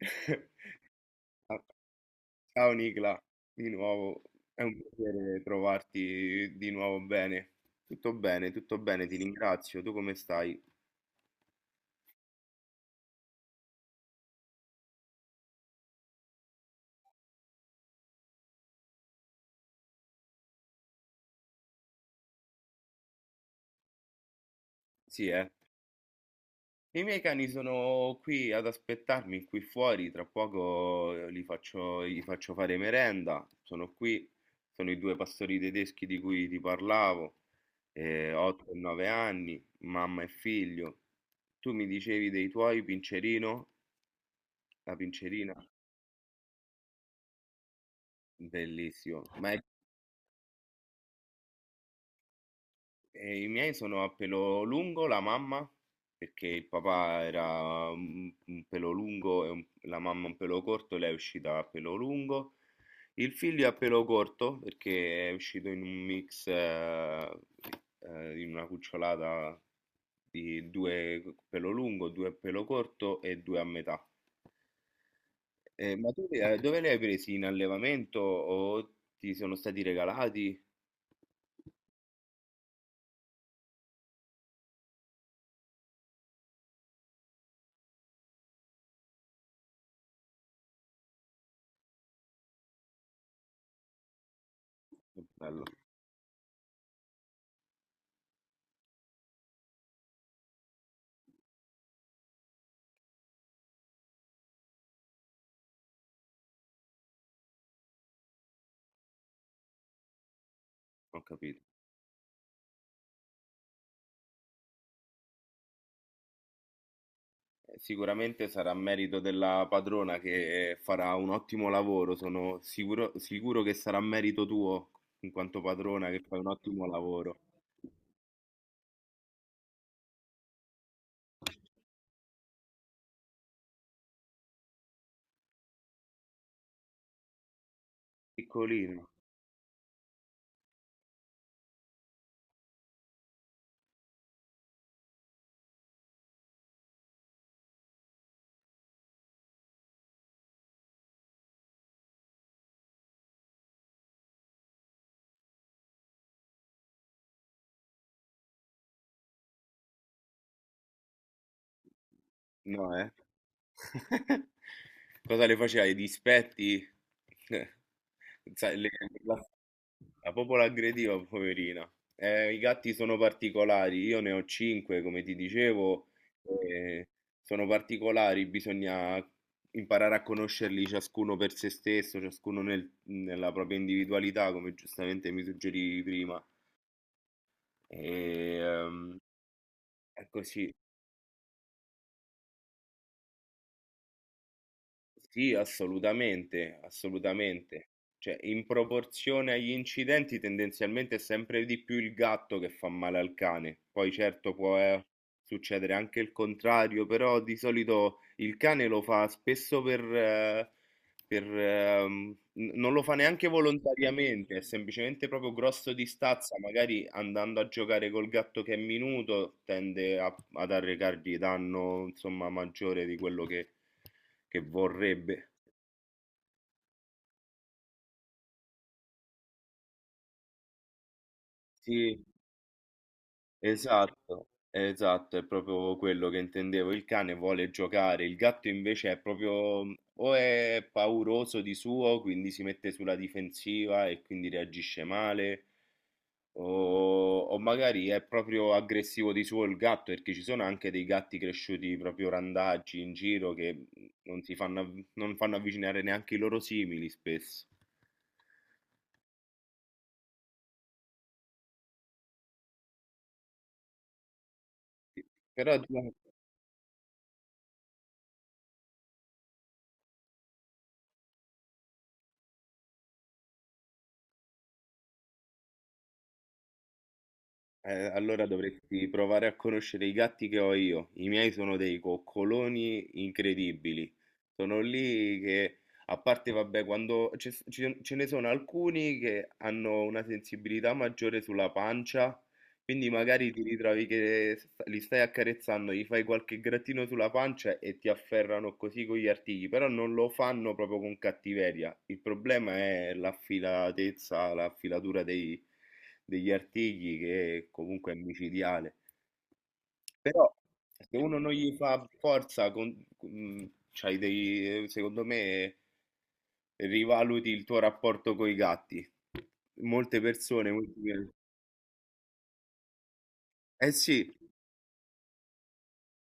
Ciao Nicla, di nuovo, è un piacere trovarti di nuovo bene. Tutto bene, tutto bene, ti ringrazio. Tu come stai? Sì, eh. I miei cani sono qui ad aspettarmi qui fuori, tra poco li faccio, gli faccio fare merenda. Sono qui, sono i due pastori tedeschi di cui ti parlavo, 8 e 9 anni, mamma e figlio. Tu mi dicevi dei tuoi, Pincerino, la Pincerina? Bellissimo. E i miei sono a pelo lungo, la mamma, perché il papà era un pelo lungo e la mamma un pelo corto, lei è uscita a pelo lungo. Il figlio è a pelo corto perché è uscito in un mix, in una cucciolata di due pelo lungo, due pelo corto e due a metà. Ma dove li hai presi? In allevamento o ti sono stati regalati? Che Bello, ho capito. Sicuramente sarà merito della padrona che farà un ottimo lavoro, sono sicuro, sicuro che sarà merito tuo in quanto padrona che fai un ottimo lavoro. Piccolino, no, eh? Cosa le faceva? I dispetti? sai, le- la, la popola aggrediva, poverina. I gatti sono particolari, io ne ho cinque, come ti dicevo, eh, sono particolari, bisogna imparare a conoscerli ciascuno per se stesso, ciascuno nella propria individualità, come giustamente mi suggerivi prima. E, ehm, è così. Sì, assolutamente, assolutamente. Cioè, in proporzione agli incidenti, tendenzialmente è sempre di più il gatto che fa male al cane. Poi certo può succedere anche il contrario, però di solito il cane lo fa spesso per, non lo fa neanche volontariamente, è semplicemente proprio grosso di stazza, magari andando a giocare col gatto che è minuto, tende ad arrecargli danno, insomma, maggiore di quello che vorrebbe. Sì, esatto, esatto, è proprio quello che intendevo. Il cane vuole giocare, il gatto invece è proprio o è pauroso di suo, quindi si mette sulla difensiva e quindi reagisce male, o magari è proprio aggressivo di suo il gatto, perché ci sono anche dei gatti cresciuti proprio randaggi in giro che non fanno avvicinare neanche i loro simili spesso. Però diciamo. Allora dovresti provare a conoscere i gatti che ho io. I miei sono dei coccoloni incredibili. Sono lì che, a parte, vabbè, quando ce ne sono alcuni che hanno una sensibilità maggiore sulla pancia, quindi magari ti ritrovi li stai accarezzando, gli fai qualche grattino sulla pancia e ti afferrano così con gli artigli, però non lo fanno proprio con cattiveria. Il problema è l'affilatezza, la filatura dei degli artigli che comunque è micidiale. Però se uno non gli fa forza, con, mm, c'hai dei, secondo me rivaluti il tuo rapporto con i gatti. Molte persone, molti- eh sì,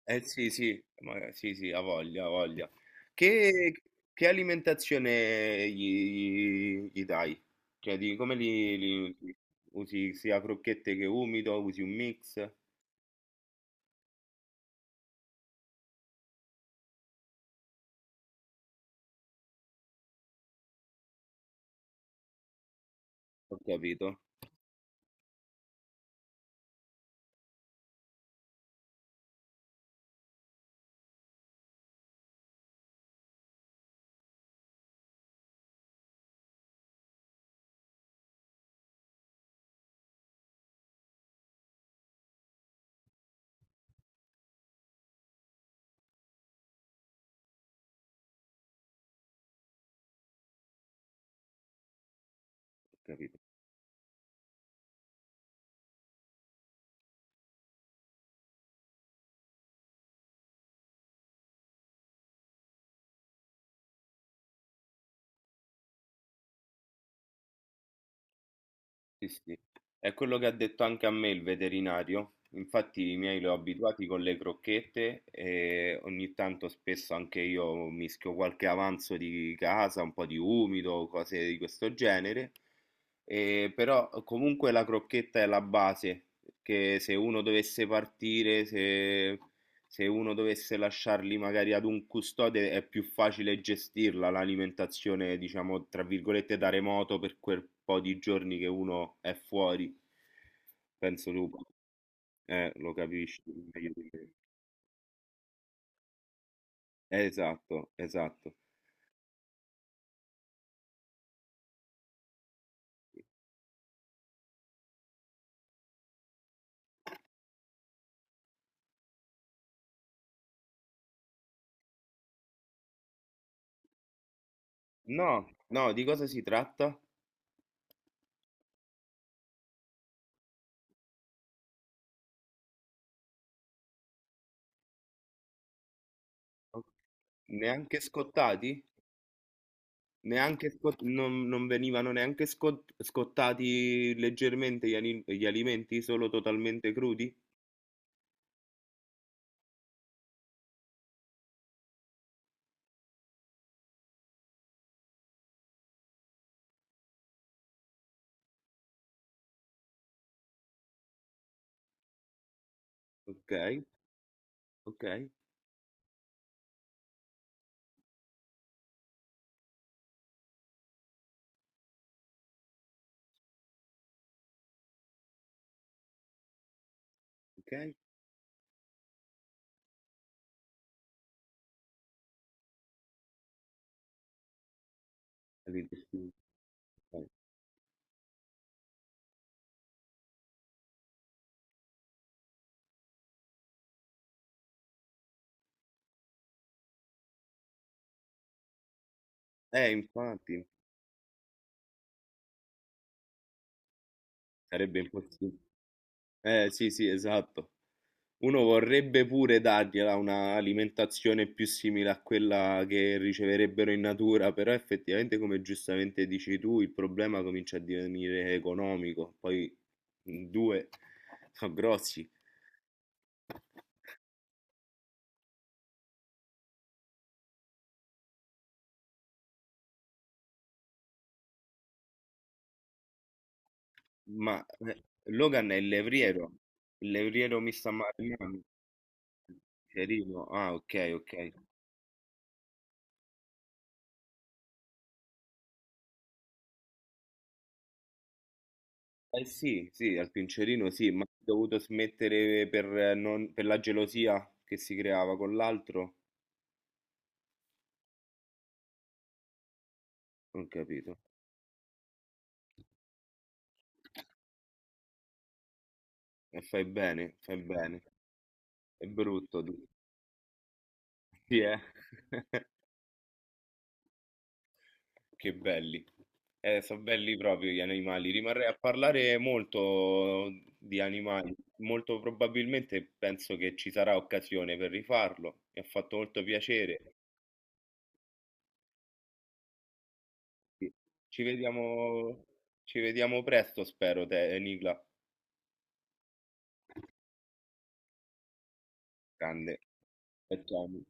sì, ma sì, sì, ha voglia, ha voglia. Che, che alimentazione gli dai? Cioè, di, li usi? Usi sia crocchette che umido? Usi un mix? Ho capito, ho capito. Sì, sì. È quello che ha detto anche a me il veterinario. Infatti i miei li ho abituati con le crocchette e ogni tanto spesso anche io mischio qualche avanzo di casa, un po' di umido, cose di questo genere. E però comunque la crocchetta è la base, perché se uno dovesse partire, se uno dovesse lasciarli magari ad un custode è più facile gestirla l'alimentazione, diciamo, tra virgolette, da remoto per quel po' di giorni che uno è fuori. Penso tu, lo capisci meglio di me. Esatto, esatto. No, no, di cosa si tratta? Neanche scottati? Neanche non venivano scottati leggermente gli alimenti, solo totalmente crudi? Ok, ok, ok. Eh, eh, infatti, sarebbe impossibile. Sì, sì, esatto. Uno vorrebbe pure dargliela una alimentazione più simile a quella che riceverebbero in natura, però effettivamente, come giustamente dici tu, il problema comincia a divenire economico. Poi in due sono grossi. Ma Logan è il levriero mi sta male. Cerino, ah, ok, ok. Eh sì, sì, al Pincerino sì, ma ho dovuto smettere per, per la gelosia che si creava con l'altro. Non capito. E fai bene, fai bene. È brutto. Tu. Sì, eh. Che belli. Sono belli proprio gli animali. Rimarrei a parlare molto di animali. Molto probabilmente penso che ci sarà occasione per rifarlo. Mi ha fatto molto piacere. Ci vediamo, ci vediamo presto, spero, te, Nicla. Grande. Atomico